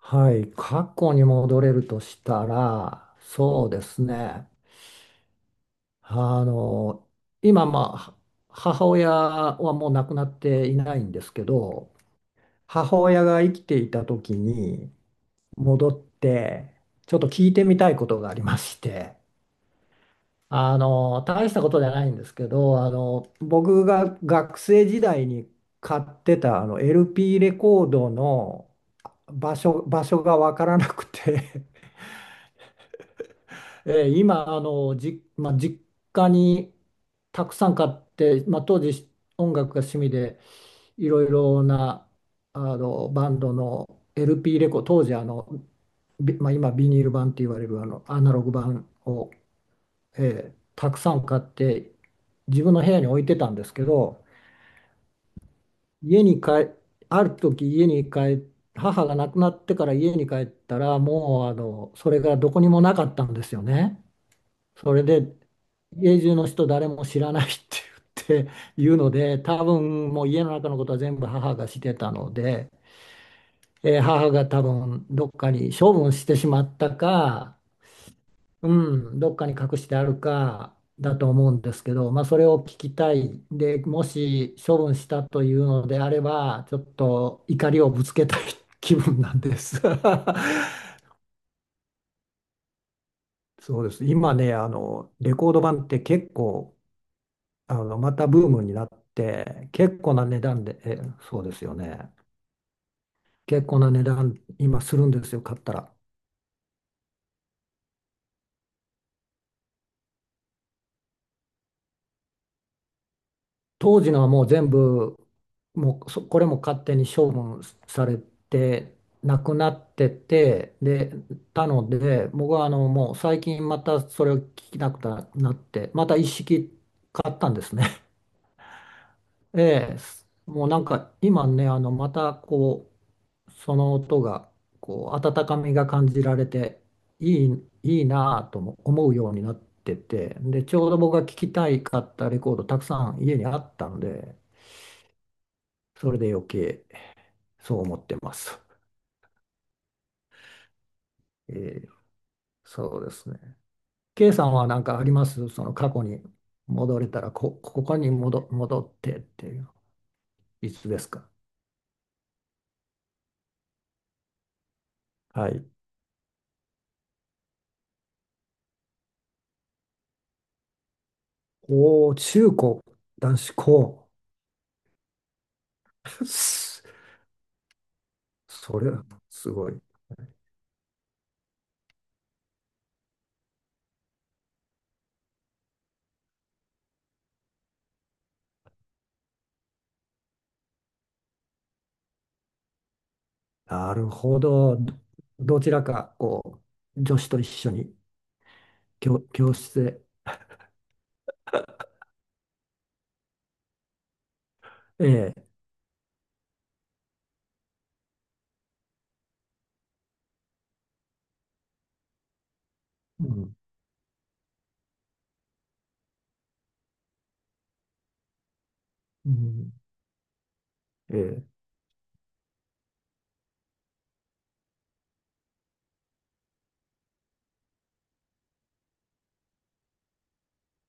はい、過去に戻れるとしたら、そうですね。あの、今、まあ、母親はもう亡くなっていないんですけど、母親が生きていた時に戻って、ちょっと聞いてみたいことがありまして、大したことじゃないんですけど、僕が学生時代に買ってたあの LP レコードの場所がわからなくて、今あのじ、まあ、実家にたくさん買って、まあ、当時音楽が趣味でいろいろなあのバンドの LP 当時、まあ、今ビニール版って言われるあのアナログ版を、たくさん買って自分の部屋に置いてたんですけど、家に帰ある時、家に帰っ母が亡くなってから家に帰ったら、もうそれがどこにもなかったんですよね。それで家中の人誰も知らないって言って、言うので、多分もう家の中のことは全部母がしてたので、母が多分どっかに処分してしまったか、うん、どっかに隠してあるかだと思うんですけど、まあ、それを聞きたい。でもし処分したというのであれば、ちょっと怒りをぶつけたい気分なんです。そうです。今ね、レコード盤って結構、またブームになって、結構な値段で、そうですよね。結構な値段、今するんですよ、買ったら。当時のはもう全部、もうそ、これも勝手に処分されて、なくなってて、で、たので、僕はもう最近またそれを聞きなくなって、また一式買ったんですね。ええ、もうなんか今ね、またこう、その音がこう温かみが感じられて、いいなぁとも思うようになってて、で、ちょうど僕が聴きたいかったレコードたくさん家にあったんで、それで余計そう思ってます。ええ、そうですね。K さんは何かありますその過去に戻れたら、ここに戻ってっていう、いつですか？はい。おー、中高、男子高。すそれ、すごい。なるほど。どちらか、こう、女子と一緒に教室で、ええ、うん、うん、ええ、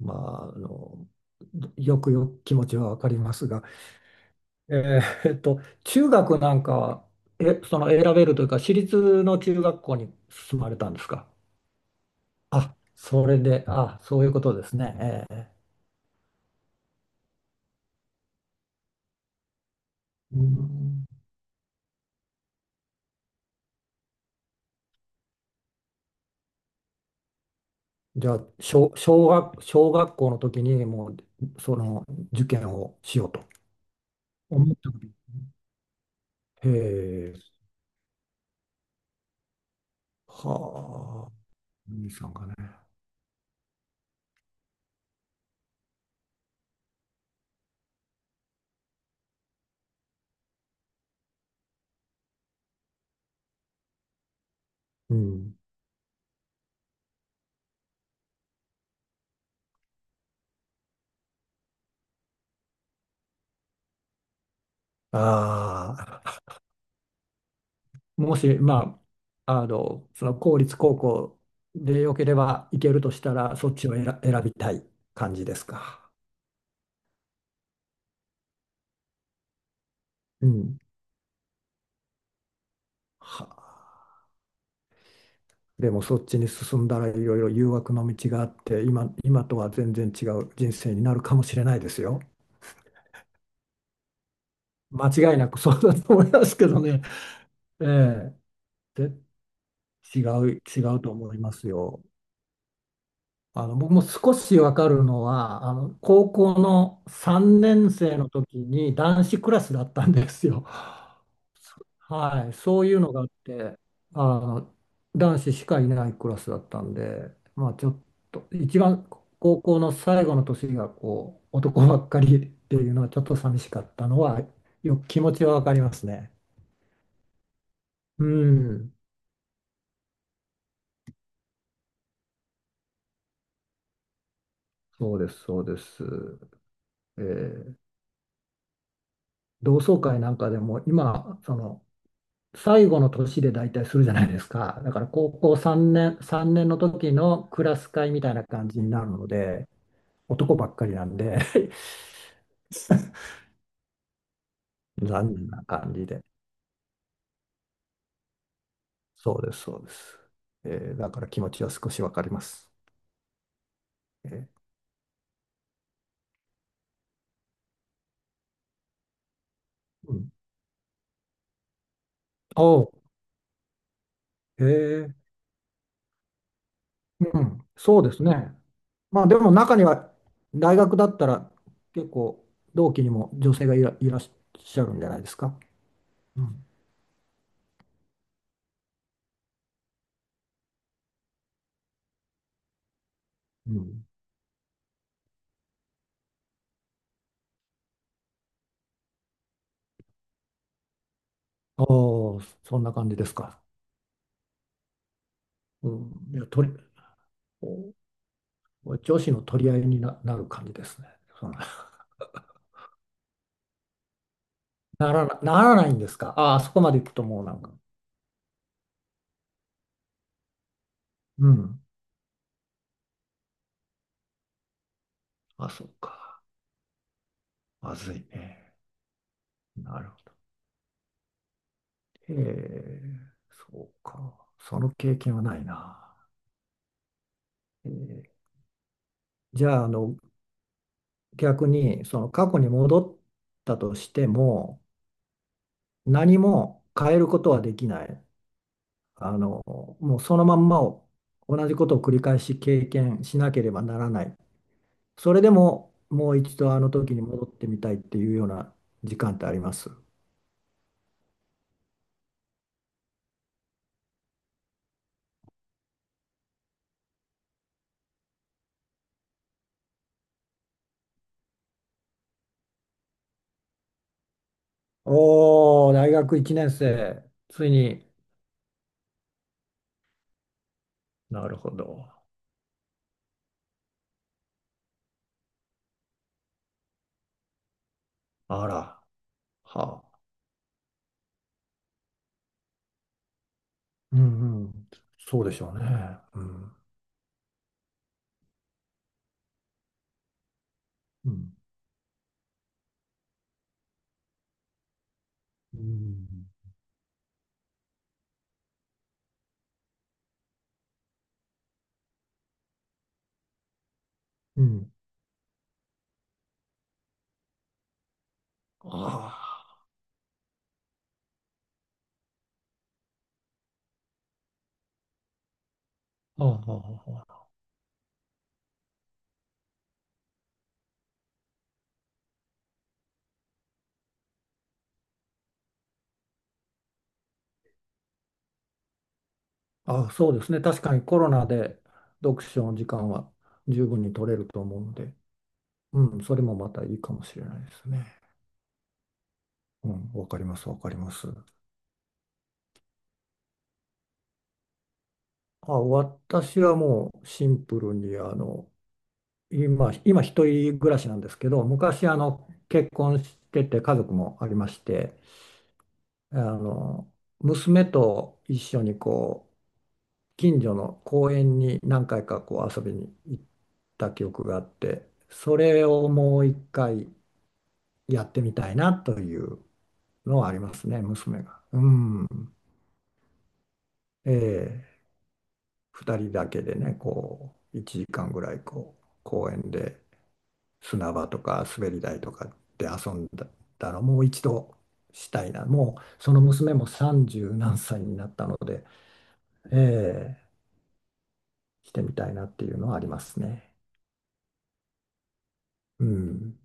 まあ、よくよく気持ちはわかりますが、え中学なんかは、その選べるというか、私立の中学校に進まれたんですか？あ、それで、あ、そういうことですね。ええ。うん。じゃあ、小学校の時にもう、その受験をしようと思った時。へえ、はあ、兄さんがね。うん。ああ、もし、まあ、その公立高校でよければ行けるとしたら、そっちを選びたい感じですか？うん。はあ、でも、そっちに進んだらいろいろ誘惑の道があって、今とは全然違う人生になるかもしれないですよ。間違いなく そうだと思いますけどね。ええ、で、違違うと思いますよ。僕も少しわかるのは、高校の3年生の時に男子クラスだったんですよ。はい、そういうのがあって、あの、男子しかいないクラスだったんで、まあちょっと、一番高校の最後の年がこう、男ばっかりっていうのはちょっと寂しかったのは、よく気持ちはわかりますね。うん。そうです、そうです。えー同窓会なんかでも今、その最後の年で大体するじゃないですか。だから高校3年の時のクラス会みたいな感じになるので、男ばっかりなんで 残念な感じで。そうです、そうです。えだから気持ちは少しわかります。えーうん、おう、へえ、うん、そうですね。まあでも中には、大学だったら結構同期にも女性がいらっしゃるんじゃないですか？うん。うん。ああ、そんな感じですか？うん。いや、お女子の取り合いになる感じですね。そんな、ならないんですか？ああ、そこまで行くともうなんか。うん。あ、そうか。まずいね。なるほど。ええ、そうか。その経験はないな。ええ、じゃあ、逆にその過去に戻ったとしても、何も変えることはできない。あの、もうそのまんまを、同じことを繰り返し経験しなければならない。それでももう一度あの時に戻ってみたいっていうような時間ってあります？おおー、大学1年生、ついに。なるほど。あら、はあ。うんうん。そうでしょうね。うん。うん。うんうん。ああ。ああ。あああ、そうですね。確かにコロナで読書の時間は十分に取れると思うので、うん、それもまたいいかもしれないですね。うん、わかります、わかります。あ、私はもうシンプルに、今一人暮らしなんですけど、昔、結婚してて家族もありまして、あの、娘と一緒にこう、近所の公園に何回かこう遊びに行った記憶があって、それをもう一回、やってみたいなというのはありますね、娘が。うん。ええ、二人だけでね、こう、1時間ぐらい、こう、公園で砂場とか滑り台とかで遊んだだら、もう一度したいな。もう、その娘も30何歳になったので、ええ、してみたいなっていうのはありますね。うん。